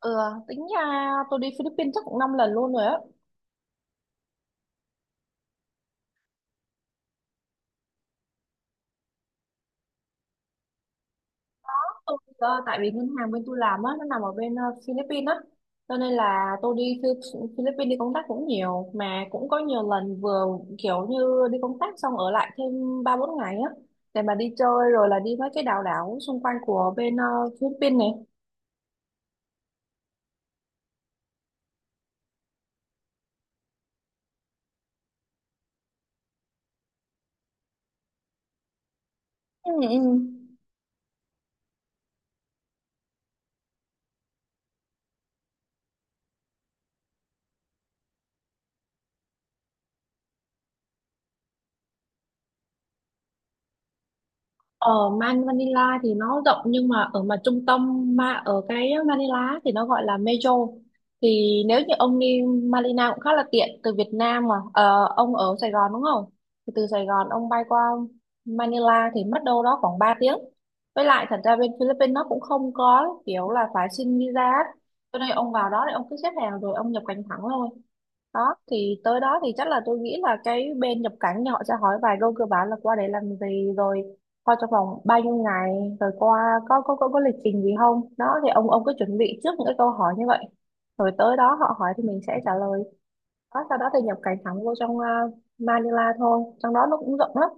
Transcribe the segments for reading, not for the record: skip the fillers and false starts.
Ừ, tính ra tôi đi Philippines chắc cũng 5 lần luôn rồi á. Tại vì ngân hàng bên tôi làm á, nó nằm ở bên Philippines á. Cho nên là tôi đi Philippines đi công tác cũng nhiều. Mà cũng có nhiều lần vừa kiểu như đi công tác xong ở lại thêm 3-4 ngày á. Để mà đi chơi rồi là đi mấy cái đảo đảo xung quanh của bên Philippines này. Ừ, ừ. Ở Manila thì nó rộng, nhưng mà ở mà trung tâm mà ở cái Manila thì nó gọi là Metro. Thì nếu như ông đi Manila cũng khá là tiện từ Việt Nam. Ông ở Sài Gòn đúng không? Thì từ Sài Gòn ông bay qua Manila thì mất đâu đó khoảng 3 tiếng. Với lại thật ra bên Philippines nó cũng không có kiểu là phải xin visa á, cho nên ông vào đó thì ông cứ xếp hàng rồi ông nhập cảnh thẳng thôi. Đó, thì tới đó thì chắc là tôi nghĩ là cái bên nhập cảnh thì họ sẽ hỏi vài câu cơ bản là qua đấy làm gì rồi qua trong vòng bao nhiêu ngày rồi qua có lịch trình gì không. Đó thì ông cứ chuẩn bị trước những cái câu hỏi như vậy, rồi tới đó họ hỏi thì mình sẽ trả lời. Đó, sau đó thì nhập cảnh thẳng vô trong Manila thôi. Trong đó nó cũng rộng lắm,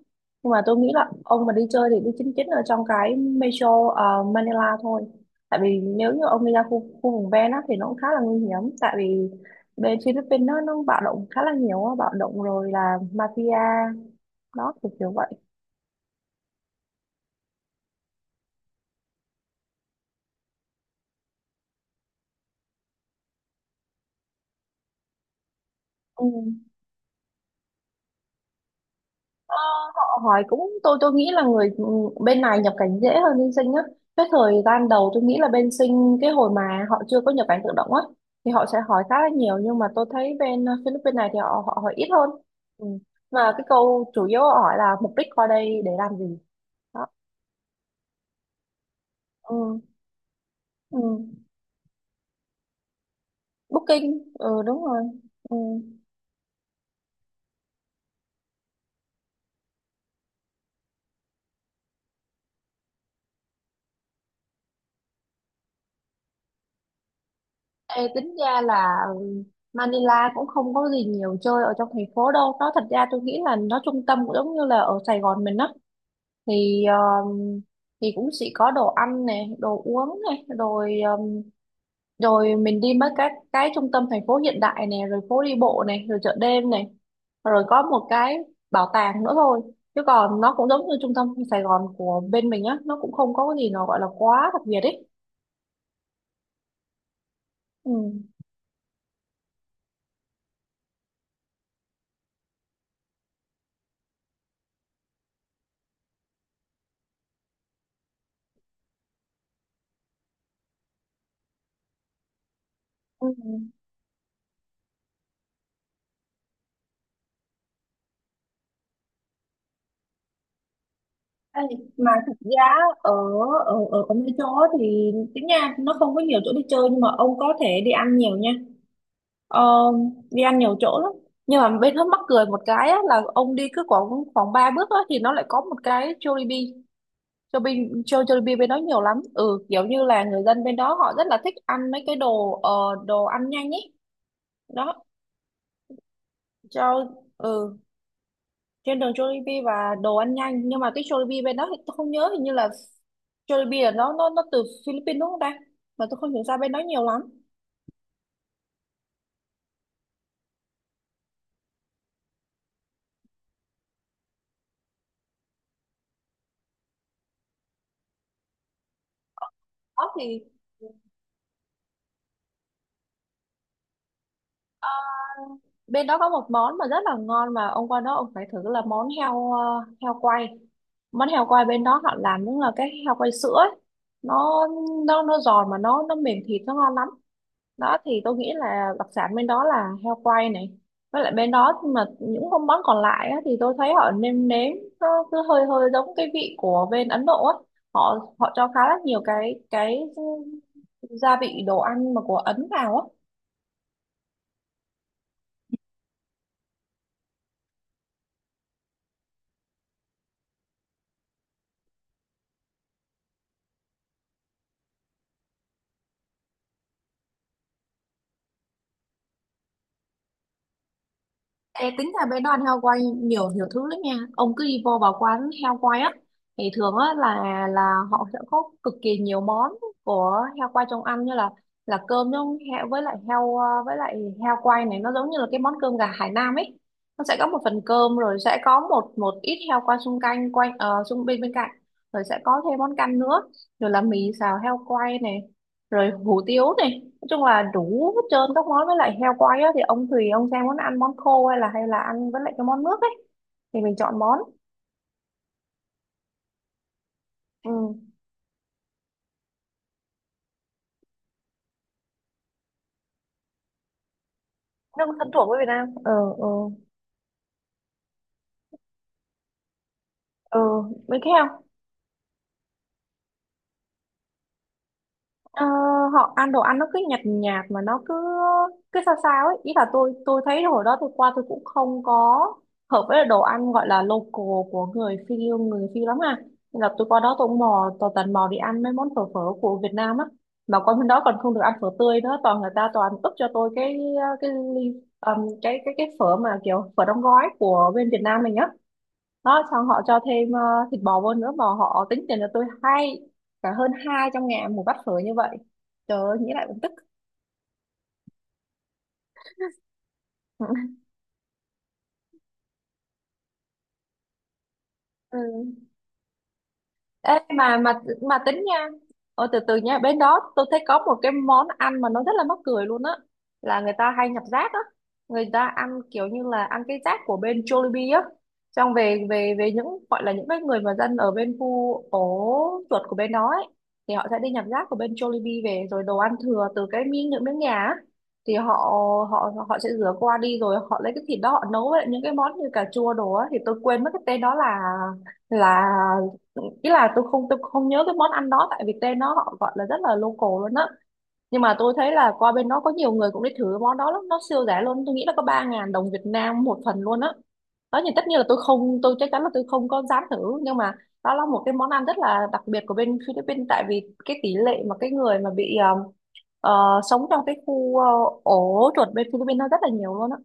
nhưng mà tôi nghĩ là ông mà đi chơi thì đi chính chính ở trong cái metro Manila thôi. Tại vì nếu như ông đi ra khu vùng ven á, thì nó cũng khá là nguy hiểm. Tại vì bên Philippines nó bạo động khá là nhiều á, bạo động rồi là mafia, đó, kiểu kiểu vậy. Ừ. Ờ, Họ hỏi cũng, tôi nghĩ là người bên này nhập cảnh dễ hơn bên sinh á. Cái thời gian đầu tôi nghĩ là bên sinh cái hồi mà họ chưa có nhập cảnh tự động á thì họ sẽ hỏi khá là nhiều, nhưng mà tôi thấy bên Philippines này thì họ họ hỏi ít hơn. Ừ. Mà cái câu chủ yếu họ hỏi là mục đích qua đây để làm gì, đó. Ừ. Ừ. Booking, ừ, đúng rồi. Ừ. Ê, tính ra là ừ, Manila cũng không có gì nhiều chơi ở trong thành phố đâu. Nó, thật ra tôi nghĩ là nó trung tâm cũng giống như là ở Sài Gòn mình á, thì um, thì cũng sẽ có đồ ăn này, đồ uống này, rồi rồi mình đi mấy cái trung tâm thành phố hiện đại này, rồi phố đi bộ này, rồi chợ đêm này, rồi có một cái bảo tàng nữa thôi. Chứ còn nó cũng giống như trung tâm Sài Gòn của bên mình á, nó cũng không có cái gì nó gọi là quá đặc biệt ấy. Ừ. Ừ. Ê, mà thực ra ở ở ở ở mấy chỗ thì tính nha, nó không có nhiều chỗ đi chơi nhưng mà ông có thể đi ăn nhiều nha. Ờ, Đi ăn nhiều chỗ lắm, nhưng mà bên Hớt mắc cười một cái á, là ông đi cứ khoảng khoảng 3 bước á, thì nó lại có một cái Jollibee. Jollibee, Jollibee bên đó nhiều lắm. Ừ, kiểu như là người dân bên đó họ rất là thích ăn mấy cái đồ ăn nhanh ấy, đó cho. Ừ, trên đường Jollibee và đồ ăn nhanh. Nhưng mà cái Jollibee bên đó thì tôi không nhớ, hình như là Jollibee là nó từ Philippines đúng không ta? Mà tôi không hiểu ra bên đó nhiều lắm. Đó thì bên đó có một món mà rất là ngon mà ông qua đó ông phải thử, là món heo quay. Món heo quay bên đó họ làm đúng là cái heo quay sữa ấy. nó nó giòn mà nó mềm, thịt nó ngon lắm. Đó thì tôi nghĩ là đặc sản bên đó là heo quay này. Với lại bên đó mà những con món còn lại á, thì tôi thấy họ nêm nếm nó cứ hơi hơi giống cái vị của bên Ấn Độ á. Họ họ cho khá là nhiều cái gia vị đồ ăn mà của Ấn vào á. Ê, tính ra bé Đoan heo quay nhiều nhiều thứ lắm nha. Ông cứ đi vô vào quán heo quay á thì thường á là họ sẽ có cực kỳ nhiều món của heo quay trong ăn, như là cơm trong heo, với lại với lại heo quay này nó giống như là cái món cơm gà Hải Nam ấy. Nó sẽ có một phần cơm rồi sẽ có một một ít heo quay xung quanh quanh ờ, xung bên bên cạnh, rồi sẽ có thêm món canh nữa, rồi là mì xào heo quay này, rồi hủ tiếu này. Nói chung là đủ hết trơn các món. Với lại heo quay á thì ông tùy ông xem muốn ăn món khô hay là ăn với lại cái món nước ấy, thì mình chọn món. Ừ, nó cũng thân thuộc với Việt Nam. Ừ. Ừ. Ừ, mấy cái heo. Ờ, họ ăn đồ ăn nó cứ nhạt nhạt mà nó cứ cứ sao sao ấy. Ý là tôi thấy hồi đó tôi qua tôi cũng không có hợp với đồ ăn gọi là local của người Phi lắm à. Nên là tôi qua đó tôi cũng mò, tôi tần mò đi ăn mấy món phở phở của Việt Nam á. Mà qua bên đó còn không được ăn phở tươi nữa, toàn người ta toàn ướp cho tôi cái ly, cái phở mà kiểu phở đóng gói của bên Việt Nam mình á. Đó, xong họ cho thêm ờ, thịt bò vô nữa mà họ tính tiền cho tôi hai cả hơn 200.000 một bát phở như vậy. Trời ơi, nghĩ lại cũng tức. Ừ. Ê, mà tính nha, ôi từ từ nha, bên đó tôi thấy có một cái món ăn mà nó rất là mắc cười luôn á, là người ta hay nhặt rác á. Người ta ăn kiểu như là ăn cái rác của bên Jollibee á. Xong về về về những gọi là những cái người mà dân ở bên khu ổ chuột của bên đó ấy, thì họ sẽ đi nhặt rác của bên Jollibee về, rồi đồ ăn thừa từ cái miếng những miếng nhà á, thì họ họ họ sẽ rửa qua đi, rồi họ lấy cái thịt đó họ nấu với những cái món như cà chua đồ á. Thì tôi quên mất cái tên đó là ý là tôi không nhớ cái món ăn đó. Tại Việt Nam nó, họ gọi là rất là local luôn á, nhưng mà tôi thấy là qua bên đó có nhiều người cũng đi thử cái món đó lắm. Nó siêu rẻ luôn, tôi nghĩ là có 3.000 đồng Việt Nam một phần luôn á. Đó thì tất nhiên là tôi không tôi chắc chắn là tôi không có dám thử, nhưng mà đó là một cái món ăn rất là đặc biệt của bên Philippines. Tại vì cái tỷ lệ mà cái người mà sống trong cái khu ổ chuột bên Philippines nó rất là nhiều luôn á,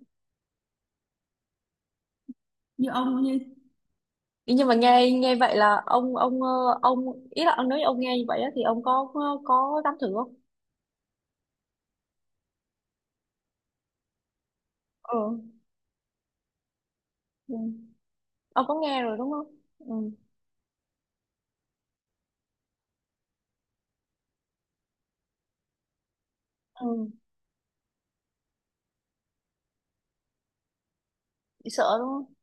như ông. Ý, nhưng mà nghe nghe vậy là ông ý là ông nói ông nghe như vậy á, thì ông có dám thử không? Ừ. Ừ. Ông có nghe rồi đúng không? Ừ. Ừ. Bị sợ đúng không?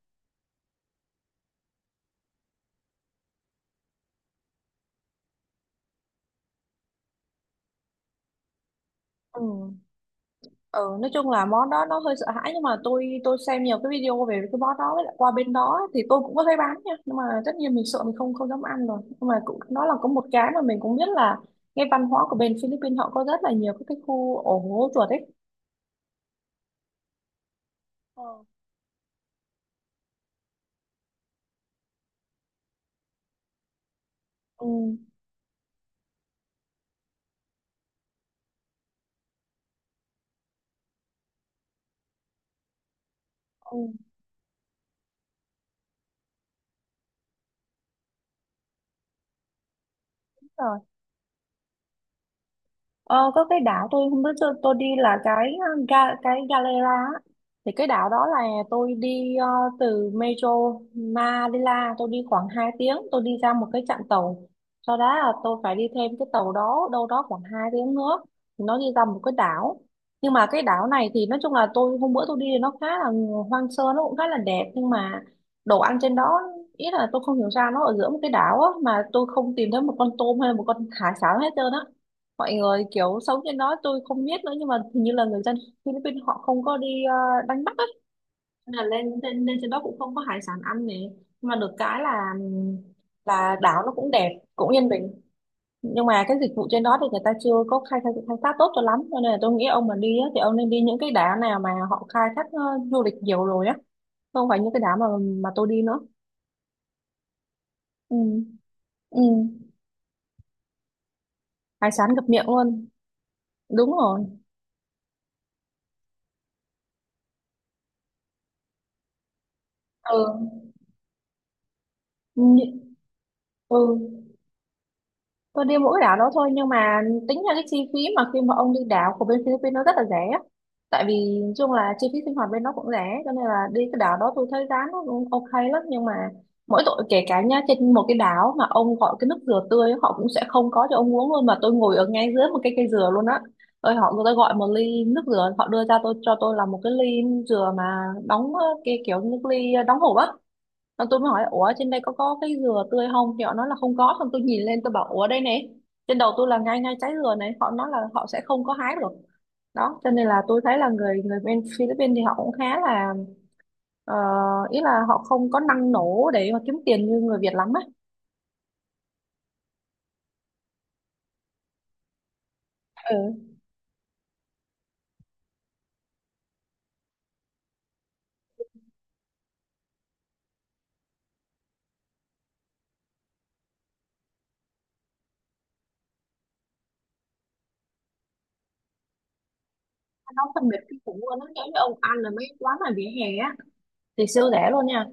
Ừ. Ừ. Nói chung là món đó nó hơi sợ hãi, nhưng mà tôi xem nhiều cái video về cái món đó. Với lại qua bên đó thì tôi cũng có thấy bán nha, nhưng mà tất nhiên mình sợ mình không không dám ăn rồi. Nhưng mà cũng nó là có một cái mà mình cũng biết là cái văn hóa của bên Philippines họ có rất là nhiều các cái khu ổ hố chuột ấy. Ừ. Ừ. Ừ. Đúng rồi. Ờ, có cái đảo tôi không biết, tôi đi là cái Galera á. Thì cái đảo đó là tôi đi từ Metro Manila. Tôi đi khoảng 2 tiếng, tôi đi ra một cái trạm tàu, sau đó là tôi phải đi thêm cái tàu đó đâu đó khoảng 2 tiếng nữa thì nó đi ra một cái đảo. Nhưng mà cái đảo này thì nói chung là tôi hôm bữa tôi đi thì nó khá là hoang sơ, nó cũng khá là đẹp, nhưng mà đồ ăn trên đó, ý là tôi không hiểu sao nó ở giữa một cái đảo á mà tôi không tìm thấy một con tôm hay là một con hải sản hết trơn á. Mọi người kiểu sống trên đó tôi không biết nữa, nhưng mà hình như là người dân Philippines họ không có đi đánh bắt ấy. Nên là lên lên lên trên đó cũng không có hải sản ăn này, nhưng mà được cái là đảo nó cũng đẹp, cũng yên bình, nhưng mà cái dịch vụ trên đó thì người ta chưa có khai thác tốt cho lắm. Cho nên là tôi nghĩ ông mà đi á, thì ông nên đi những cái đảo nào mà họ khai thác du lịch nhiều rồi á, không phải những cái đảo mà tôi đi nữa. Ừ. Ừ. Hải sản ngập miệng luôn. Đúng rồi. Ừ. Ừ. Ừ. Tôi đi mỗi đảo đó thôi, nhưng mà tính ra cái chi phí mà khi mà ông đi đảo của bên Philippines nó rất là rẻ á. Tại vì nói chung là chi phí sinh hoạt bên nó cũng rẻ, cho nên là đi cái đảo đó tôi thấy giá nó cũng ok lắm. Nhưng mà mỗi tội kể cả nha, trên một cái đảo mà ông gọi cái nước dừa tươi họ cũng sẽ không có cho ông uống luôn, mà tôi ngồi ở ngay dưới một cái cây dừa luôn á. Rồi người ta gọi một ly nước dừa, họ đưa ra tôi, cho tôi là một cái ly dừa mà đóng cái kiểu như cái ly đóng hộp á. Xong tôi mới hỏi ủa trên đây có cái dừa tươi không, thì họ nói là không có. Xong tôi nhìn lên tôi bảo ủa đây này, trên đầu tôi là ngay ngay trái dừa này, họ nói là họ sẽ không có hái được. Đó cho nên là tôi thấy là người người bên Philippines thì họ cũng khá là ờ, ý là họ không có năng nổ để mà kiếm tiền như người Việt lắm á. Ừ. Nó phân biệt kinh khủng luôn. Nó giống như ông ăn ở mấy quán mà vỉa hè á thì siêu rẻ luôn nha,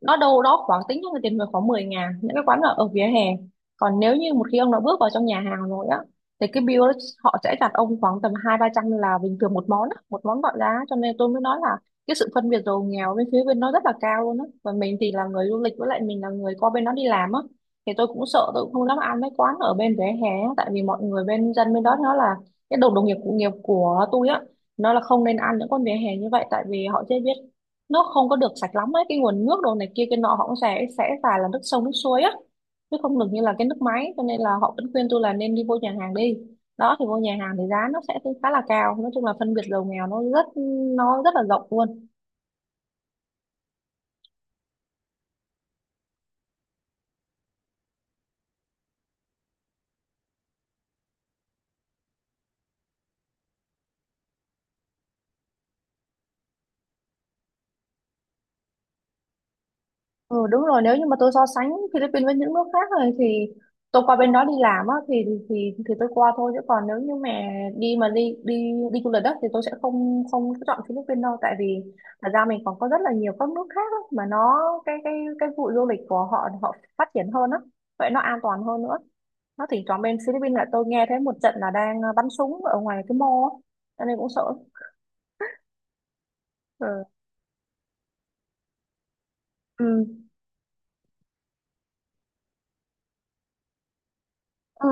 nó đâu đó khoảng tính cho người tiền về khoảng 10 ngàn, những cái quán ở ở vỉa hè. Còn nếu như một khi ông đã bước vào trong nhà hàng rồi á, thì cái bill đó họ sẽ đặt ông khoảng tầm 2-3 trăm là bình thường một món á, một món gọi giá. Cho nên tôi mới nói là cái sự phân biệt giàu nghèo bên phía bên nó rất là cao luôn á. Và mình thì là người du lịch, với lại mình là người qua bên đó đi làm á, thì tôi cũng sợ, tôi cũng không dám ăn mấy quán ở bên vỉa hè á, tại vì mọi người bên dân bên đó nó là cái đồng đồng nghiệp cụ nghiệp của tôi á, nó là không nên ăn những con vỉa hè như vậy, tại vì họ chưa biết, nó không có được sạch lắm ấy, cái nguồn nước đồ này kia cái nọ họ cũng sẽ xài là nước sông nước suối á, chứ không được như là cái nước máy. Cho nên là họ vẫn khuyên tôi là nên đi vô nhà hàng đi. Đó thì vô nhà hàng thì giá nó sẽ khá là cao. Nói chung là phân biệt giàu nghèo nó rất là rộng luôn. Ừ, đúng rồi. Nếu như mà tôi so sánh Philippines với những nước khác rồi thì tôi qua bên đó đi làm á thì tôi qua thôi, chứ còn nếu như mà đi đi đi du lịch đó thì tôi sẽ không không chọn Philippines đâu. Tại vì thật ra mình còn có rất là nhiều các nước khác á, mà nó cái cái cái vụ du lịch của họ họ phát triển hơn á, vậy nó an toàn hơn nữa. Nó thì chọn bên Philippines là tôi nghe thấy một trận là đang bắn súng ở ngoài cái mall á, cho nên cũng sợ. Ừ. Ừ. Ừ.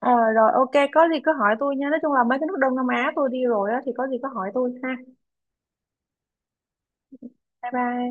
Ờ, rồi ok, có gì cứ hỏi tôi nha, nói chung là mấy cái nước Đông Nam Á tôi đi rồi á thì có gì cứ hỏi tôi ha. Bye bye.